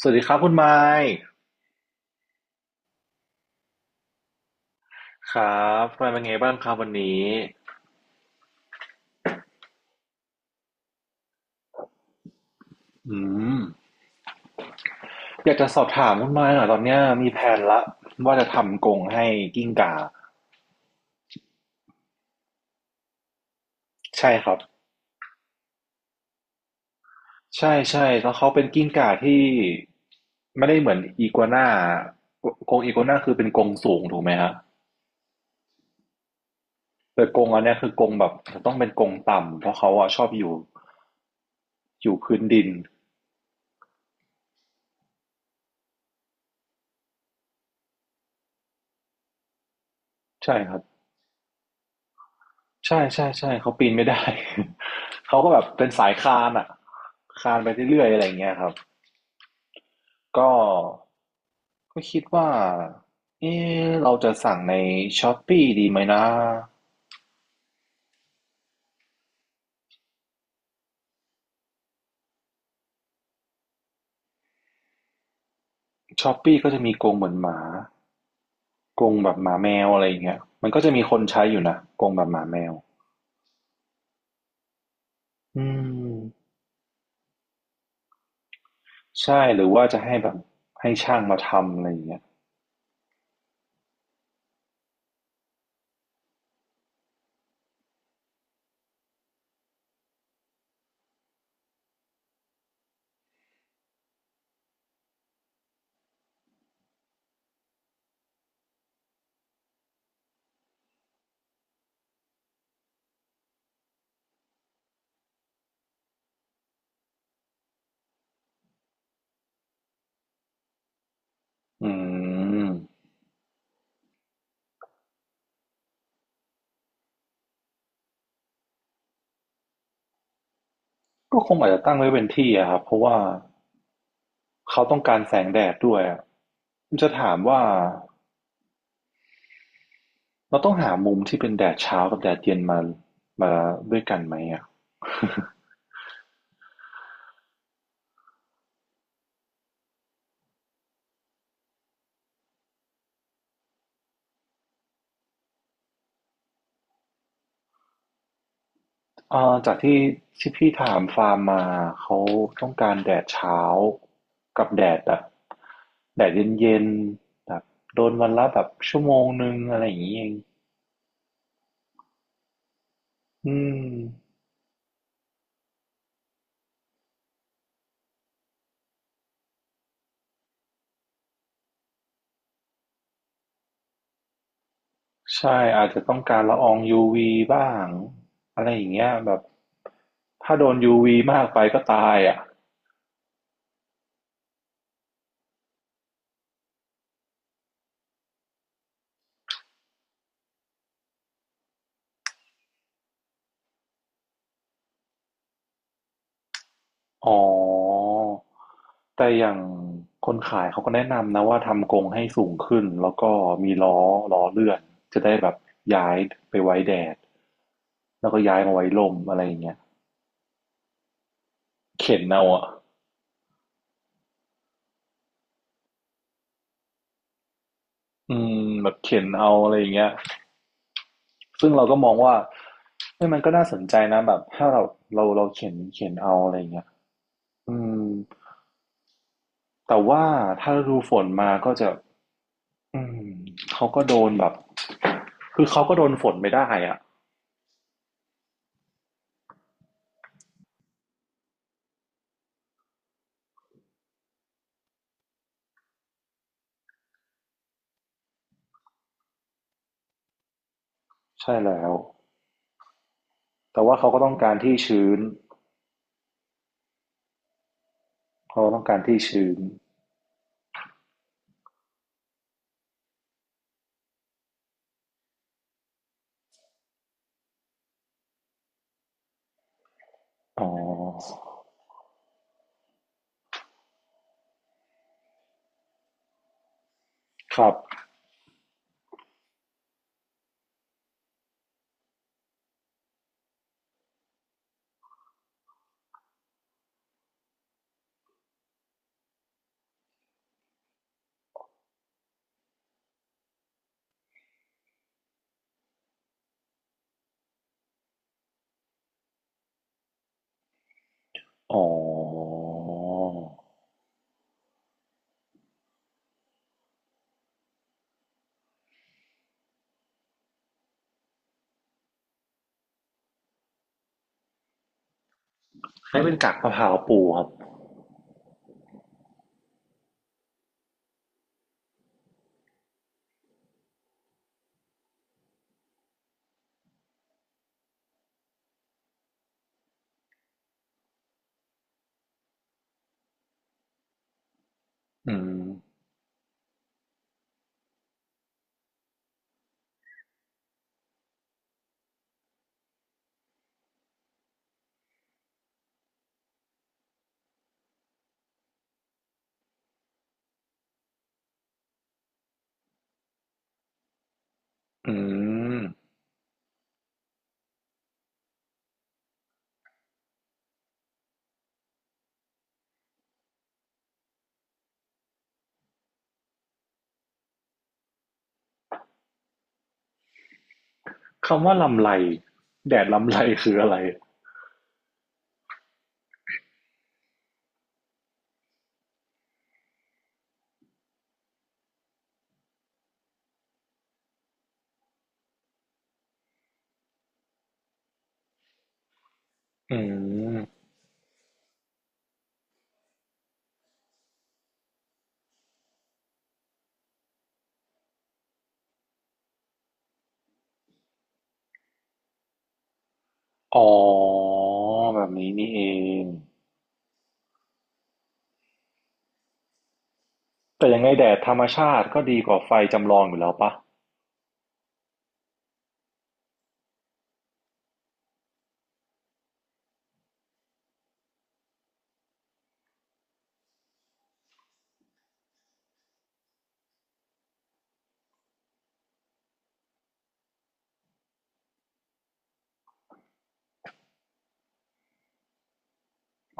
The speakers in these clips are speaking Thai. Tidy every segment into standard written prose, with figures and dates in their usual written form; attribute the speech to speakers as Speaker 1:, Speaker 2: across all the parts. Speaker 1: สวัสดีครับคุณไมค์ครับคุณไมค์เป็นไงบ้างครับวันนี้อืมอยากจะสอบถามคุณไมค์หน่อยตอนเนี้ยมีแผนละว่าจะทำกรงให้กิ้งก่าใช่ครับใช่ใช่แล้วเขาเป็นกิ้งก่าที่ไม่ได้เหมือนอีกัวน่ากรงอีกัวน่าคือเป็นกรงสูงถูกไหมฮะแต่กรงอันเนี้ยคือกรงแบบต้องเป็นกรงต่ำเพราะเขาอะชอบอยู่พื้นดินใช่ครับ ใช่ๆๆเขาปีนไม่ได้ เขาก็แบบเป็นสายคานอะคานไปเรื่อยๆอะไรอย่างเงี้ยครับก็ก็คิดว่าเอเราจะสั่งใน Shopee ดีไหมนะ Shopee ก็จะมีกรงเหมือนหมากรงแบบหมาแมวอะไรอย่างเงี้ยมันก็จะมีคนใช้อยู่นะกรงแบบหมาแมวอืมใช่หรือว่าจะให้แบบให้ช่างมาทำอะไรอย่างเงี้ยอืม ก็คงอาจจะตั้งไว้เป็นที่อะครับเพราะว่าเขาต้องการแสงแดดด้วยอะผมจะถามว่าเราต้องหามุมที่เป็นแดดเช้ากับแดดเย็นมาด้วยกันไหมอะอ่าจากที่ที่พี่ถามฟาร์มมาเขาต้องการแดดเช้ากับแดดแบบแดดเย็นๆแบบโดนวันละแบบชั่วโมง1อะไรอย่างเงี้ยเองอืม ใช่อาจจะต้องการละอองยูวีบ้างอะไรอย่างเงี้ยแบบถ้าโดนยูวีมากไปก็ตายอ่ะอ๋อแต่อย่างคนขายเขาก็แนะนำนะว่าทำกรงให้สูงขึ้นแล้วก็มีล้อล้อเลื่อนจะได้แบบย้ายไปไว้แดดแล้วก็ย้ายมาไว้ลมอะไรอย่างเงี้ยเข็นเอาอ่ะอืมแบบเข็นเอาอะไรอย่างเงี้ยซึ่งเราก็มองว่าเฮ้ยมันก็น่าสนใจนะแบบถ้าเราเข็นเอาอะไรอย่างเงี้ยอืม แต่ว่าถ้าฤดูฝนมาก็จะอืมเขาก็โดนแบบคือเขาก็โดนฝนไม่ได้อ่ะใช่แล้วแต่ว่าเขาก็ต้องการที่ชื้นเขาต้องการที่ชื้นอ๋อครับอ๋อให้เป็นกักมะพร้าวปูครับอืมอืมคำว่าลำไรแดดลำไรคืออะไรอืมอ๋อแบบนี้นี่เองแต่ยังไงแดดธรรมชาติก็ดีกว่าไฟจำลองอยู่แล้วปะ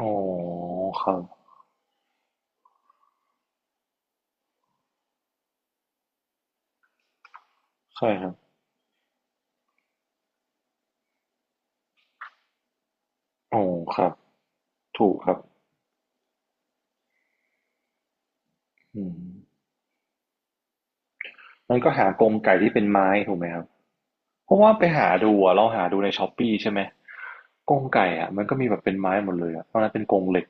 Speaker 1: อ๋อครับ ใช่ครับอ๋อครับถูกครับอืมมันก็หากรงไก่ที่เป็นไม้ถูกไหมครับเพราะว่าไปหาดูอะเราหาดูในช้อปปี้ใช่ไหมกรงไก่อะมันก็มีแบบเป็นไม้หมดเลยอะตอนนั้นเป็นกรงเหล็ก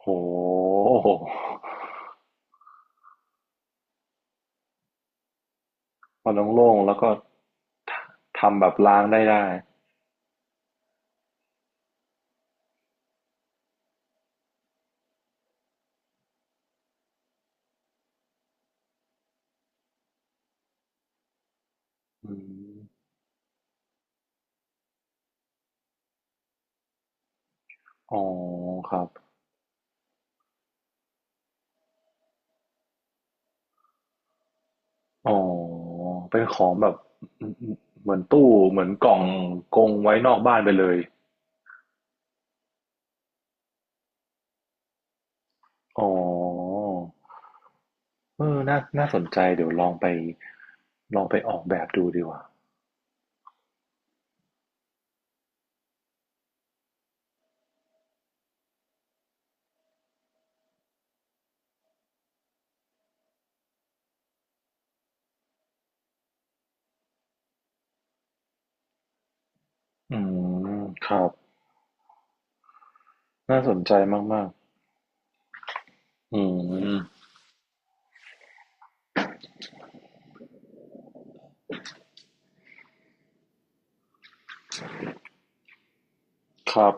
Speaker 1: โอ้โหมันโล่งๆแล้วก็ททำแบบล้างได้ได้อืมอ๋อครับอ๋อเป็นของแบบเหมือนตู้เหมือนกล่องกรงไว้นอกบ้านไปเลยอ๋อ เออน่าน่าสนใจ เดี๋ยวลองไป ลองไปออกแบบดูดีกว่าอืม ครับ น่าสนใจมากๆอืม ครับ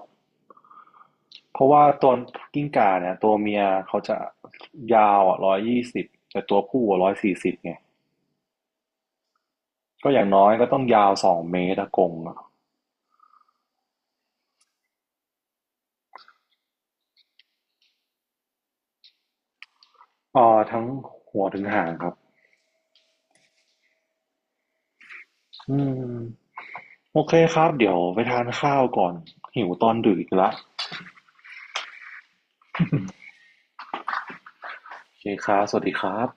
Speaker 1: เพราะว่าตัวกิ้งก่าเนี่ย ตัวเมียเขาจะยาวอ่ะ120แต่ตัวผู้อ่ะ140ไงก็อย่างน้อยก็ต้องยาว2 เมตรอะกรงอ่ะอ่อทั้งหัวถึงหางครับ อืม โอเคครับ เดี๋ยวไปทานข้าวก่อนหิวตอนดึกอีกแล้วโอเคครับสวัสดีครับ